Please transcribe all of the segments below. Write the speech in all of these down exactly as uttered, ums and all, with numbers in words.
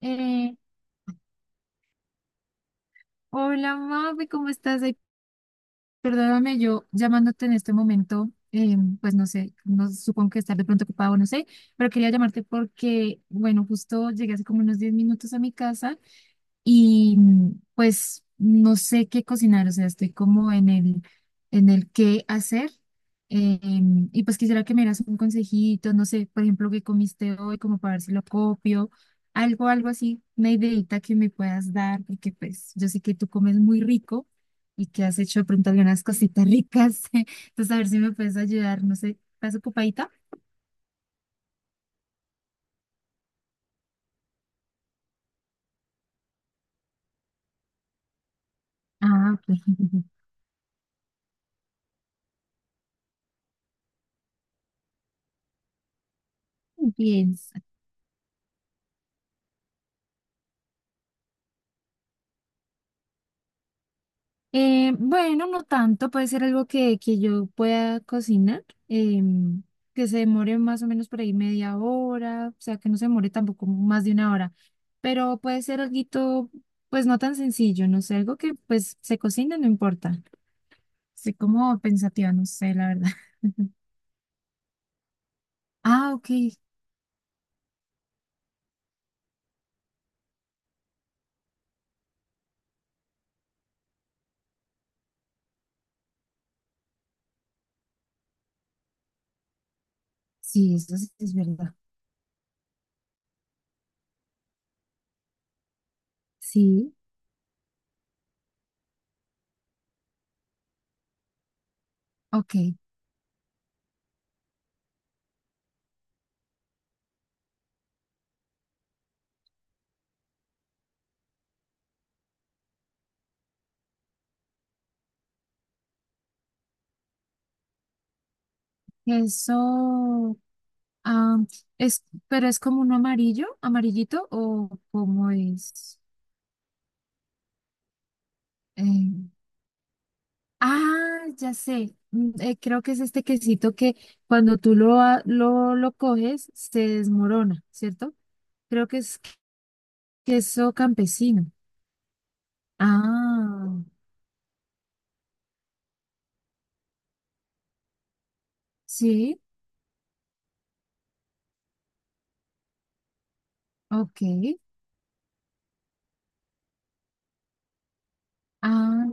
Eh, Hola, mami, ¿cómo estás? Ay, perdóname, yo llamándote en este momento, eh, pues no sé, no supongo que estar de pronto ocupado, no sé, pero quería llamarte porque, bueno, justo llegué hace como unos diez minutos a mi casa y mm, pues no sé qué cocinar, o sea, estoy como en el, en el qué hacer. Eh, em, y pues quisiera que me dieras un consejito, no sé, por ejemplo, qué comiste hoy, como para ver si lo copio, algo, algo así, una ideita que me puedas dar, porque pues yo sé que tú comes muy rico y que has hecho de pronto algunas cositas ricas, entonces a ver si me puedes ayudar, no sé, ¿estás ocupadita? Ah, ok. Bien. Eh, bueno, no tanto, puede ser algo que, que yo pueda cocinar, em, que se demore más o menos por ahí media hora, o sea, que no se demore tampoco más de una hora, pero puede ser algo, pues no tan sencillo, no sé, algo que pues se cocina, no importa. Estoy como pensativa, no sé, la verdad. Ah, ok, sí, eso sí es verdad. Sí, ok, eso, ah, es, pero es como un amarillo, amarillito o cómo es. Eh, ah, ya sé. Mm, eh, creo que es este quesito que cuando tú lo, a- lo, lo coges se desmorona, ¿cierto? Creo que es queso campesino. Ah, sí, ok. Ah,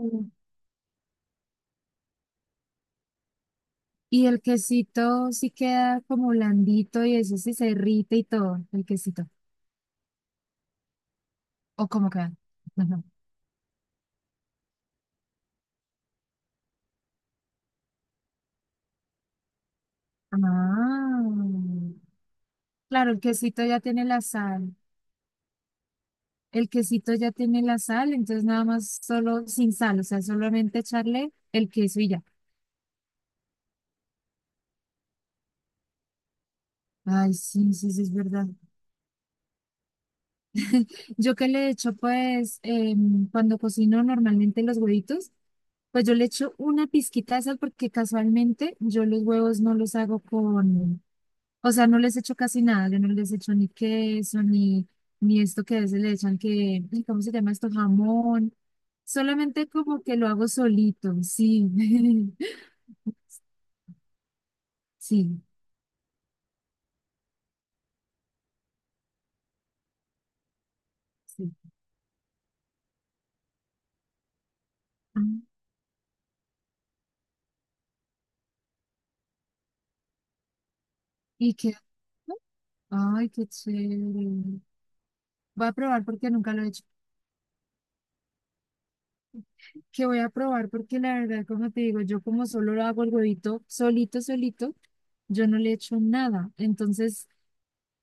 y el quesito sí queda como blandito y eso sí se irrita y todo, el quesito. ¿O cómo queda? Ajá. Ah, claro, el quesito ya tiene la sal. El quesito ya tiene la sal, entonces nada más solo sin sal, o sea, solamente echarle el queso y ya. Ay, sí, sí, sí, es verdad. Yo que le echo, pues, em, cuando cocino normalmente los huevitos, pues yo le echo una pizquita de sal porque casualmente yo los huevos no los hago con, o sea, no les echo casi nada, yo no les echo ni queso, ni, ni esto que a veces le echan que, ay, ¿cómo se llama esto? Jamón. Solamente como que lo hago solito, sí. Sí. Sí. Ah, ¿Y qué? Ay, qué chévere. Voy a probar porque nunca lo he hecho. Que voy a probar porque la verdad, como te digo, yo como solo lo hago el huevito solito, solito, yo no le echo nada. Entonces,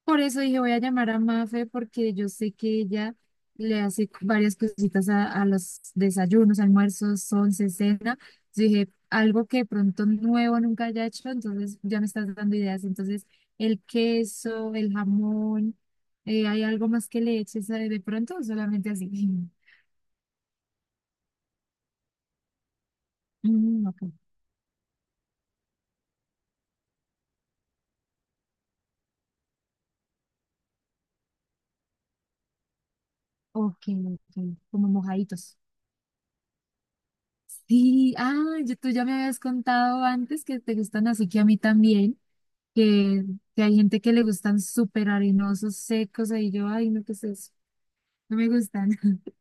por eso dije, voy a llamar a Mafe porque yo sé que ella le hace varias cositas a, a los desayunos, almuerzos, once, cena. Yo dije, algo que pronto nuevo nunca haya hecho, entonces ya me estás dando ideas. Entonces, el queso, el jamón, eh, ¿hay algo más que le eches eh, de pronto o solamente así? Mm, ok, ok, ok, como mojaditos. Sí, ah, yo- tú ya me habías contado antes que te gustan así que a mí también. que, que hay gente que le gustan súper arenosos, secos, ahí yo, ay, no, ¿qué es eso? No me gustan.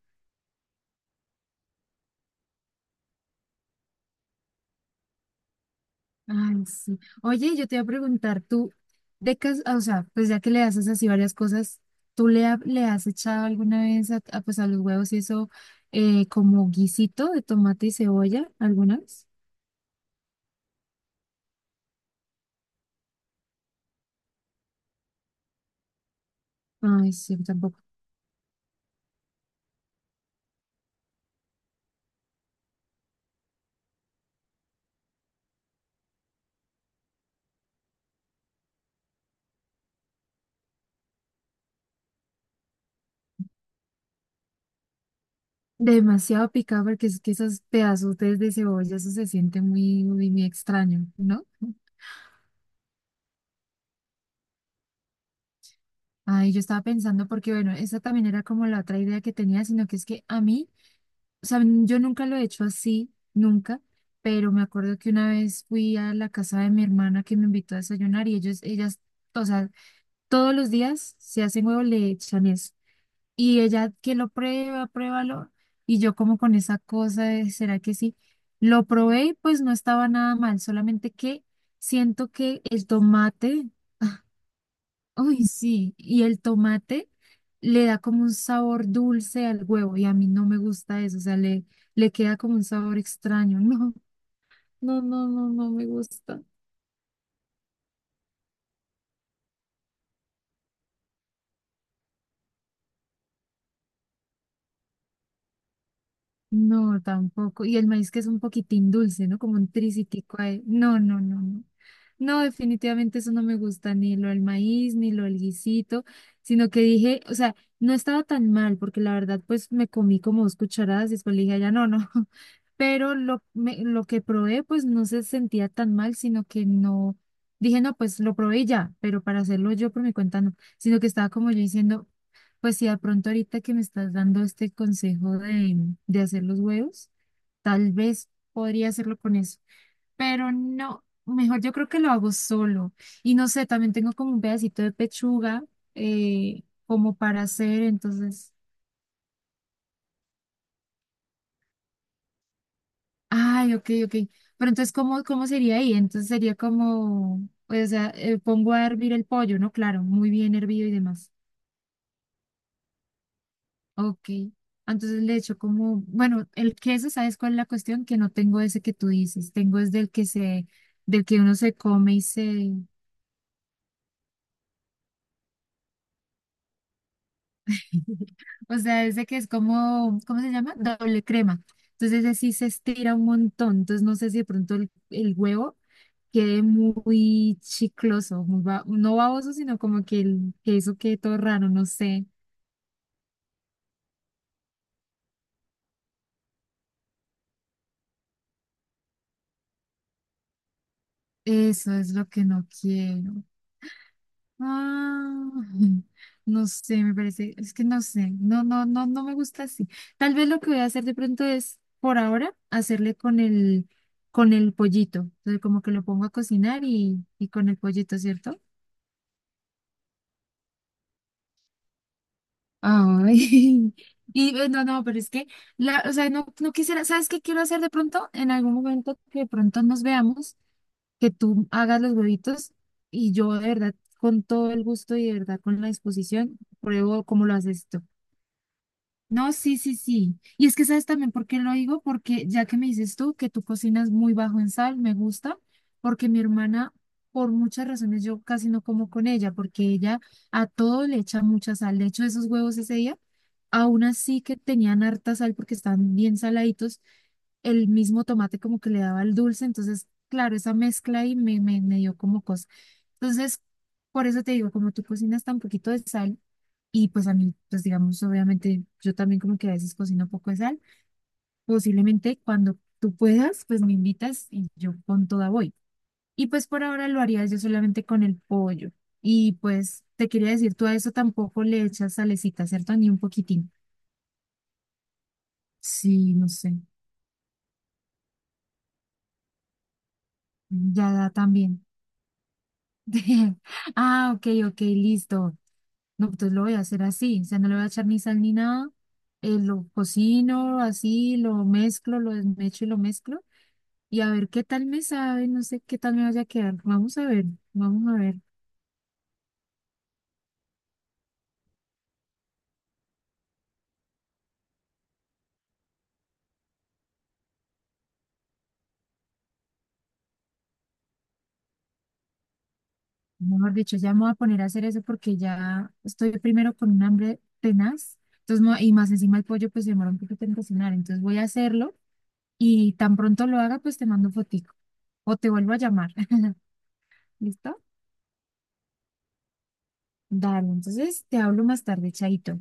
Ay, sí. Oye, yo te iba a preguntar, tú, de cas- ah, o sea, pues ya que le haces así varias cosas, ¿tú le, ha- le has echado alguna vez a, a, pues a los huevos y eso eh, como guisito de tomate y cebolla alguna vez? Ay, sí, tampoco. Demasiado picado porque es que esos pedazos de de cebolla, eso se siente muy, muy, muy extraño, ¿no? Ay, yo estaba pensando porque, bueno, esa también era como la otra idea que tenía, sino que es que a mí, o sea, n- yo nunca lo he hecho así, nunca, pero me acuerdo que una vez fui a la casa de mi hermana que me invitó a desayunar y ellos, ellas, o sea, todos los días se hacen huevo, le echan eso. Y ella que lo prueba, pruébalo, y yo como con esa cosa de, ¿será que sí? Lo probé y pues no estaba nada mal, solamente que siento que el tomate... Uy, sí, y el tomate le da como un sabor dulce al huevo y a mí no me gusta eso, o sea, le, le queda como un sabor extraño. No, no, no, no, no me gusta. No, tampoco. Y el maíz que es un poquitín dulce, ¿no? Como un tricitico ahí. No, no, no, no. No, definitivamente eso no me gusta, ni lo del maíz, ni lo del guisito, sino que dije, o sea, no estaba tan mal, porque la verdad, pues me comí como dos cucharadas y después le dije, "Ah, ya no, no." Pero lo, me- lo que probé, pues no se sentía tan mal, sino que no. Dije, no, pues lo probé y ya, pero para hacerlo yo por mi cuenta no, sino que estaba como yo diciendo, pues sí, de pronto ahorita que me estás dando este consejo de, de hacer los huevos, tal vez podría hacerlo con eso, pero no, mejor yo creo que lo hago solo. Y no sé, también tengo como un pedacito de pechuga eh, como para hacer, entonces, ay, ok, ok. Pero entonces, ¿cómo, cómo sería ahí? Entonces sería como, pues, o sea, eh, pongo a hervir el pollo, ¿no? Claro, muy bien hervido y demás. Ok, entonces le echo como, bueno, el queso, ¿sabes cuál es la cuestión? Que no tengo ese que tú dices, tengo es del que se, del que uno se come y se, o sea, ese que es como, ¿cómo se llama? Doble crema. Entonces ese sí se estira un montón, entonces no sé si de pronto el, el huevo quede muy chicloso, muy ba- no baboso, sino como que el queso quede todo raro, no sé. Eso es lo que no quiero. Ah, no sé, me parece, es que no sé, no, no, no, no me gusta así. Tal vez lo que voy a hacer de pronto es, por ahora, hacerle con el, con el pollito. Entonces, como que lo pongo a cocinar y, y con el pollito, ¿cierto? Ay, y eh, no, no, pero es que, la, o sea, no, no quisiera, ¿sabes qué quiero hacer de pronto? En algún momento que de pronto nos veamos, que tú hagas los huevitos y yo de verdad, con todo el gusto y de verdad con la disposición, pruebo cómo lo haces tú. No, sí, sí, sí. Y es que sabes también por qué lo digo, porque ya que me dices tú que tú cocinas muy bajo en sal, me gusta, porque mi hermana, por muchas razones, yo casi no como con ella, porque ella a todo le echa mucha sal. De hecho, esos huevos ese día, aún así que tenían harta sal porque estaban bien saladitos, el mismo tomate como que le daba el dulce, entonces, claro, esa mezcla ahí me, me, me dio como cosa. Entonces, por eso te digo, como tú cocinas tan poquito de sal, y pues a mí, pues digamos, obviamente yo también como que a veces cocino poco de sal. Posiblemente cuando tú puedas, pues me invitas y yo con toda voy. Y pues por ahora lo haría yo solamente con el pollo. Y pues te quería decir, tú a eso tampoco le echas salecita, ¿cierto? Ni un poquitín. Sí, no sé. Ya da también. Ah, ok, ok, listo. No, entonces lo voy a hacer así. O sea, no le voy a echar ni sal ni nada. Eh, lo cocino así, lo mezclo, lo desmecho y lo mezclo. Y a ver qué tal me sabe, no sé qué tal me vaya a quedar. Vamos a ver, vamos a ver. Mejor dicho, ya me voy a poner a hacer eso porque ya estoy primero con un hambre tenaz. Entonces, no- y más encima el pollo pues se demora un poquito en cocinar. Entonces voy a hacerlo y tan pronto lo haga pues te mando fotico o te vuelvo a llamar. ¿Listo? Dale, entonces te hablo más tarde, chaito.